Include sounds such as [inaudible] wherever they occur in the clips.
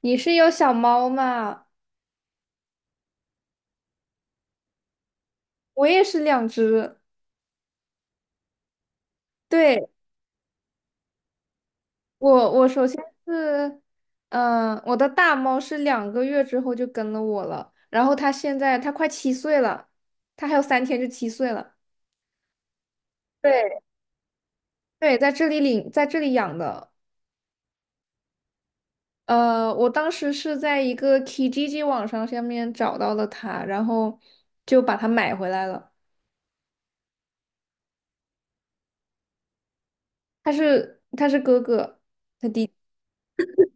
你是有小猫吗？我也是两只。对，我首先是，我的大猫是2个月之后就跟了我了，然后它现在快七岁了，它还有三天就七岁了。对，对，在这里领，在这里养的。我当时是在一个 k G G 网上下面找到了它，然后就把它买回来了。它是哥哥，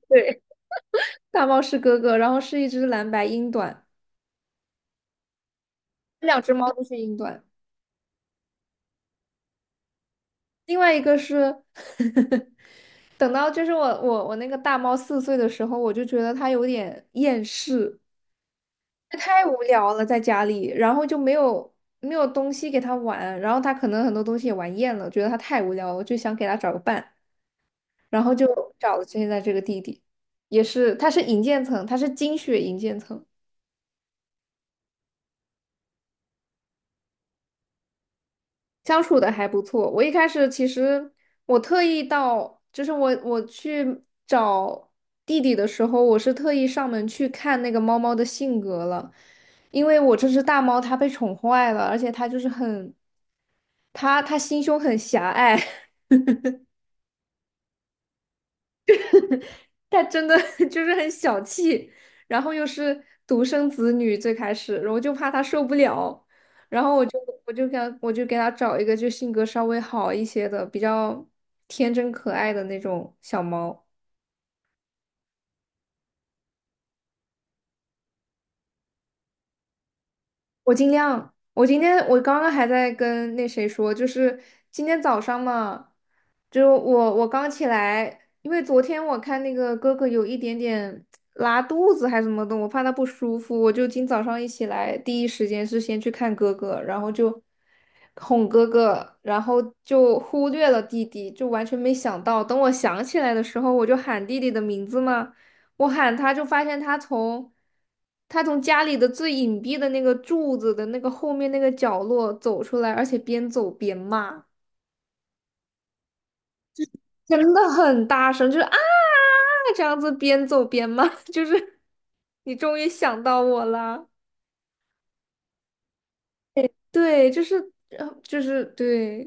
对，大猫是哥哥，然后是一只蓝白英短，两只猫都是英短。另外一个是 [laughs] 等到就是我那个大猫4岁的时候，我就觉得它有点厌世，太无聊了在家里，然后就没有东西给它玩，然后它可能很多东西也玩厌了，觉得它太无聊了，就想给它找个伴，然后就找了现在这个弟弟，也是他是银渐层，他是金血银渐层。相处的还不错。我一开始其实我特意到，就是我去找弟弟的时候，我是特意上门去看那个猫猫的性格了，因为我这只大猫它被宠坏了，而且它就是很，它心胸很狭隘。[laughs] 他真的 [laughs] 就是很小气，然后又是独生子女，最开始，然后我就怕他受不了，然后我就给他找一个就性格稍微好一些的，比较天真可爱的那种小猫。我尽量。我今天我刚刚还在跟那谁说，就是今天早上嘛，就我刚起来，因为昨天我看那个哥哥有一点点拉肚子还是什么的，我怕他不舒服，我就今早上一起来，第一时间是先去看哥哥，然后就哄哥哥，然后就忽略了弟弟，就完全没想到，等我想起来的时候，我就喊弟弟的名字嘛。我喊他，就发现他从家里的最隐蔽的那个柱子的那个后面那个角落走出来，而且边走边骂，真的很大声，就是啊这样子边走边骂，[laughs] 就是你终于想到我了，对，就是对，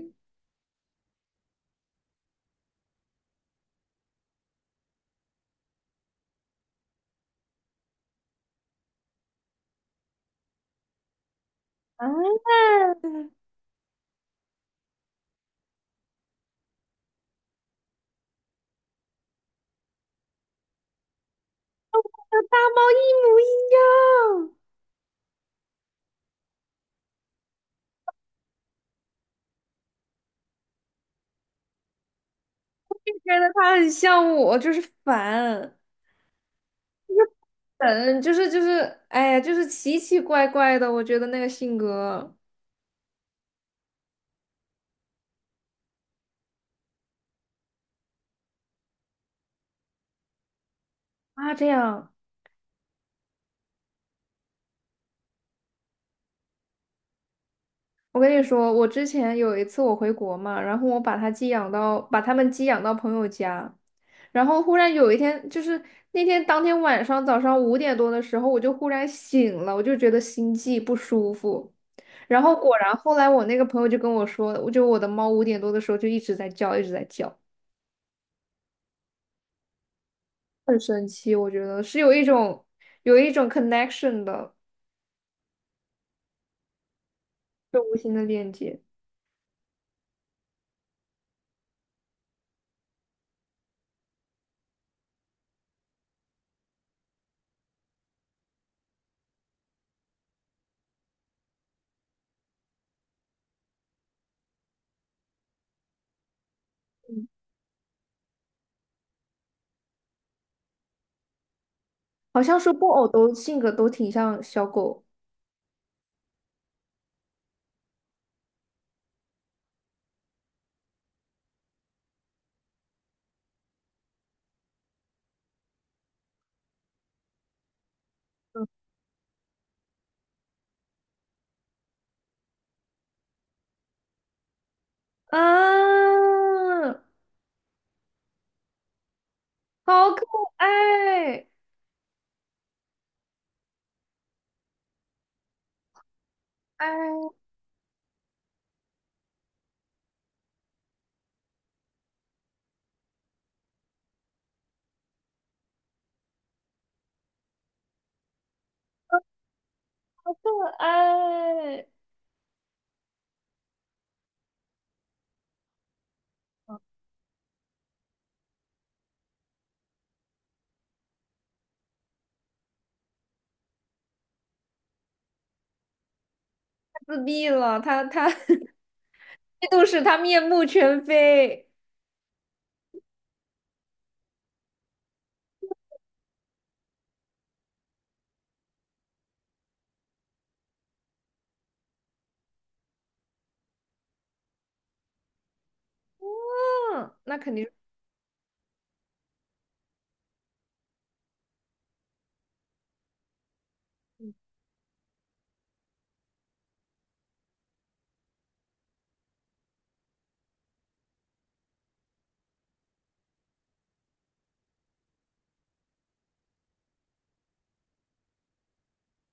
大猫一模一样，觉得它很像我，就是烦。嗯，就是，哎呀，就是奇奇怪怪的，我觉得那个性格啊，这样。我跟你说，我之前有一次我回国嘛，然后我把它寄养到，把它们寄养到朋友家，然后忽然有一天，就是那天当天晚上早上五点多的时候，我就忽然醒了，我就觉得心悸不舒服，然后果然后来我那个朋友就跟我说，我的猫五点多的时候就一直在叫，一直在叫，很神奇，我觉得是有一种 connection 的，就无形的链接，好像说布偶都性格都挺像小狗。啊！好可爱，哎，好可爱，太自闭了，他 [laughs] 嫉妒使 [laughs] 他面目全非。嗯，那肯定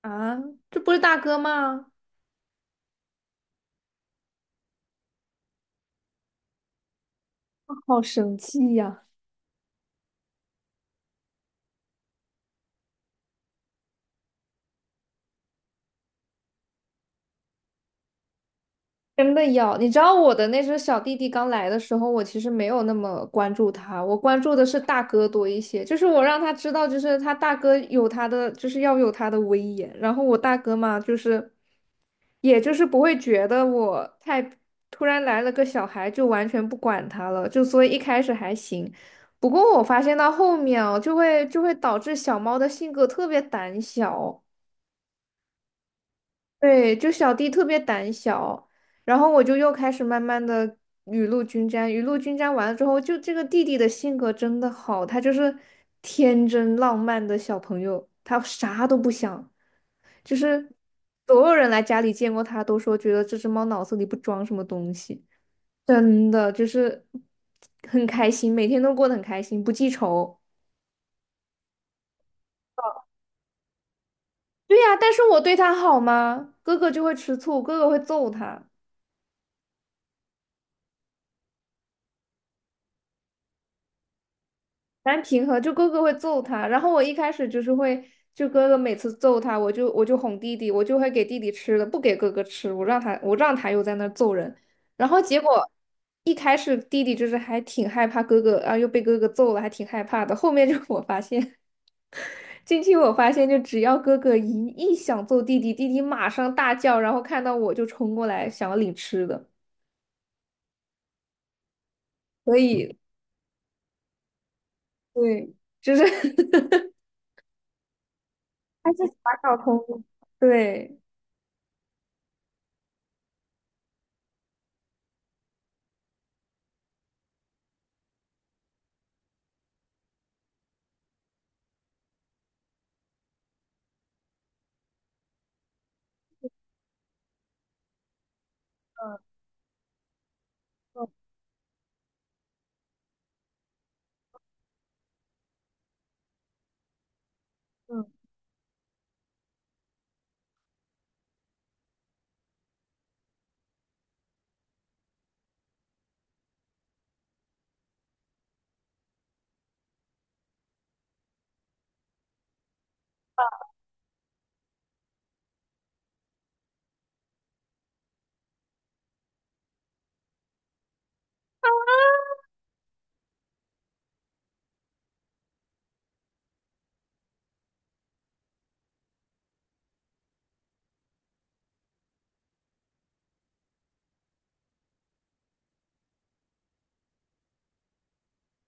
啊，这不是大哥吗？好生气呀、真的要，你知道我的那只小弟弟刚来的时候，我其实没有那么关注他，我关注的是大哥多一些。就是我让他知道，就是他大哥有他的，就是要有他的威严。然后我大哥嘛，就是也就是不会觉得我太突然来了个小孩就完全不管他了，就所以一开始还行。不过我发现到后面哦，就会导致小猫的性格特别胆小。对，就小弟特别胆小，然后我就又开始慢慢的雨露均沾，雨露均沾完了之后，就这个弟弟的性格真的好，他就是天真浪漫的小朋友，他啥都不想，就是所有人来家里见过他都说觉得这只猫脑子里不装什么东西，真的就是很开心，每天都过得很开心，不记仇。对呀，但是我对他好吗？哥哥就会吃醋，哥哥会揍他。难平和，就哥哥会揍他，然后我一开始就是会，就哥哥每次揍他，我就哄弟弟，我就会给弟弟吃的，不给哥哥吃，我让他又在那儿揍人，然后结果一开始弟弟就是还挺害怕哥哥啊，又被哥哥揍了，还挺害怕的。后面就我发现，[laughs] 近期我发现就只要哥哥一想揍弟弟，弟弟马上大叫，然后看到我就冲过来想要领吃的，所以对，就是 [laughs] 还是打小通，对。嗯嗯嗯。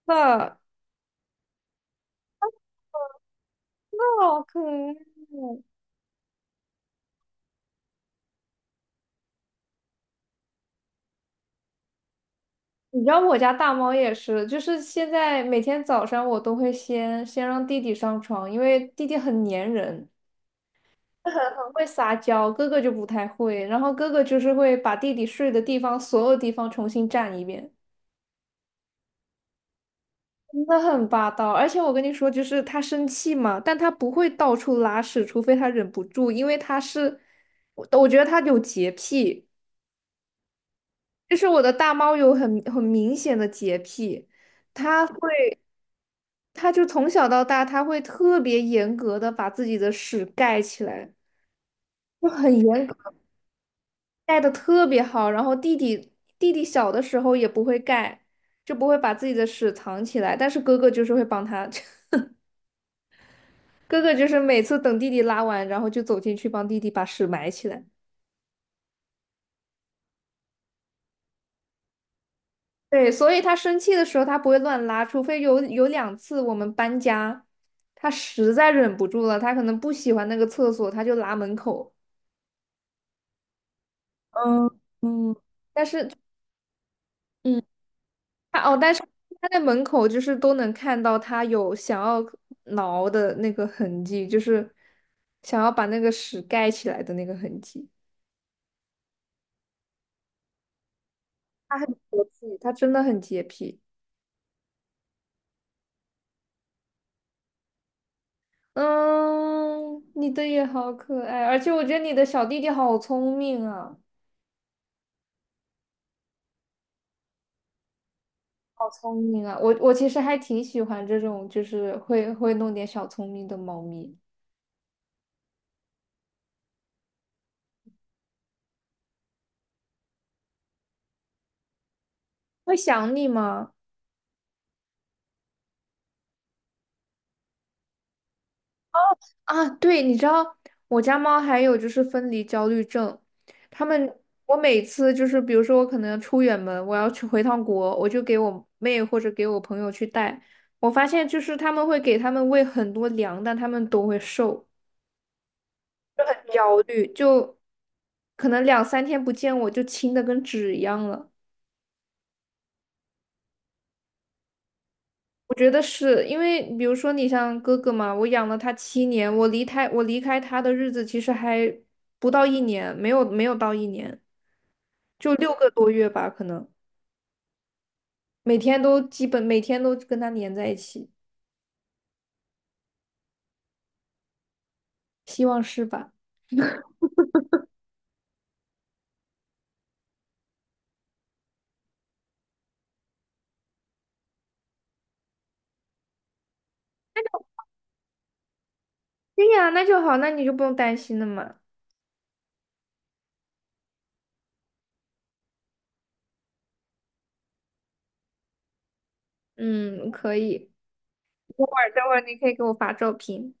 的，那好可爱。你知道我家大猫也是，就是现在每天早上我都会先让弟弟上床，因为弟弟很粘人，[laughs] 很会撒娇，哥哥就不太会。然后哥哥就是会把弟弟睡的地方所有地方重新占一遍，真的很霸道。而且我跟你说，就是他生气嘛，但他不会到处拉屎，除非他忍不住，因为他是，我觉得他有洁癖。就是我的大猫有很明显的洁癖，它会，它就从小到大，它会特别严格的把自己的屎盖起来，就很严格，盖的特别好。然后弟弟小的时候也不会盖，就不会把自己的屎藏起来，但是哥哥就是会帮他，[laughs] 哥哥就是每次等弟弟拉完，然后就走进去帮弟弟把屎埋起来。对，所以他生气的时候他不会乱拉，除非有2次我们搬家，他实在忍不住了，他可能不喜欢那个厕所，他就拉门口。嗯嗯但是嗯，但是他在门口就是都能看到他有想要挠的那个痕迹，就是想要把那个屎盖起来的那个痕迹。他很洁癖，他真的很洁癖。嗯，你的也好可爱，而且我觉得你的小弟弟好聪明啊。好聪明啊！我其实还挺喜欢这种，就是会弄点小聪明的猫咪。会想你吗？啊，对，你知道我家猫还有就是分离焦虑症，它们我每次就是比如说我可能出远门，我要去回趟国，我就给我妹或者给我朋友去带。我发现就是他们会给他们喂很多粮，但他们都会瘦，很焦虑，就可能两三天不见我就轻的跟纸一样了。我觉得是因为，比如说你像哥哥嘛，我养了他7年，我离开他的日子其实还不到一年，没有到一年，就6个多月吧，可能每天都基本每天都跟他黏在一起，希望是吧？对呀，那就好，那你就不用担心了嘛。嗯，可以。等会儿你可以给我发照片。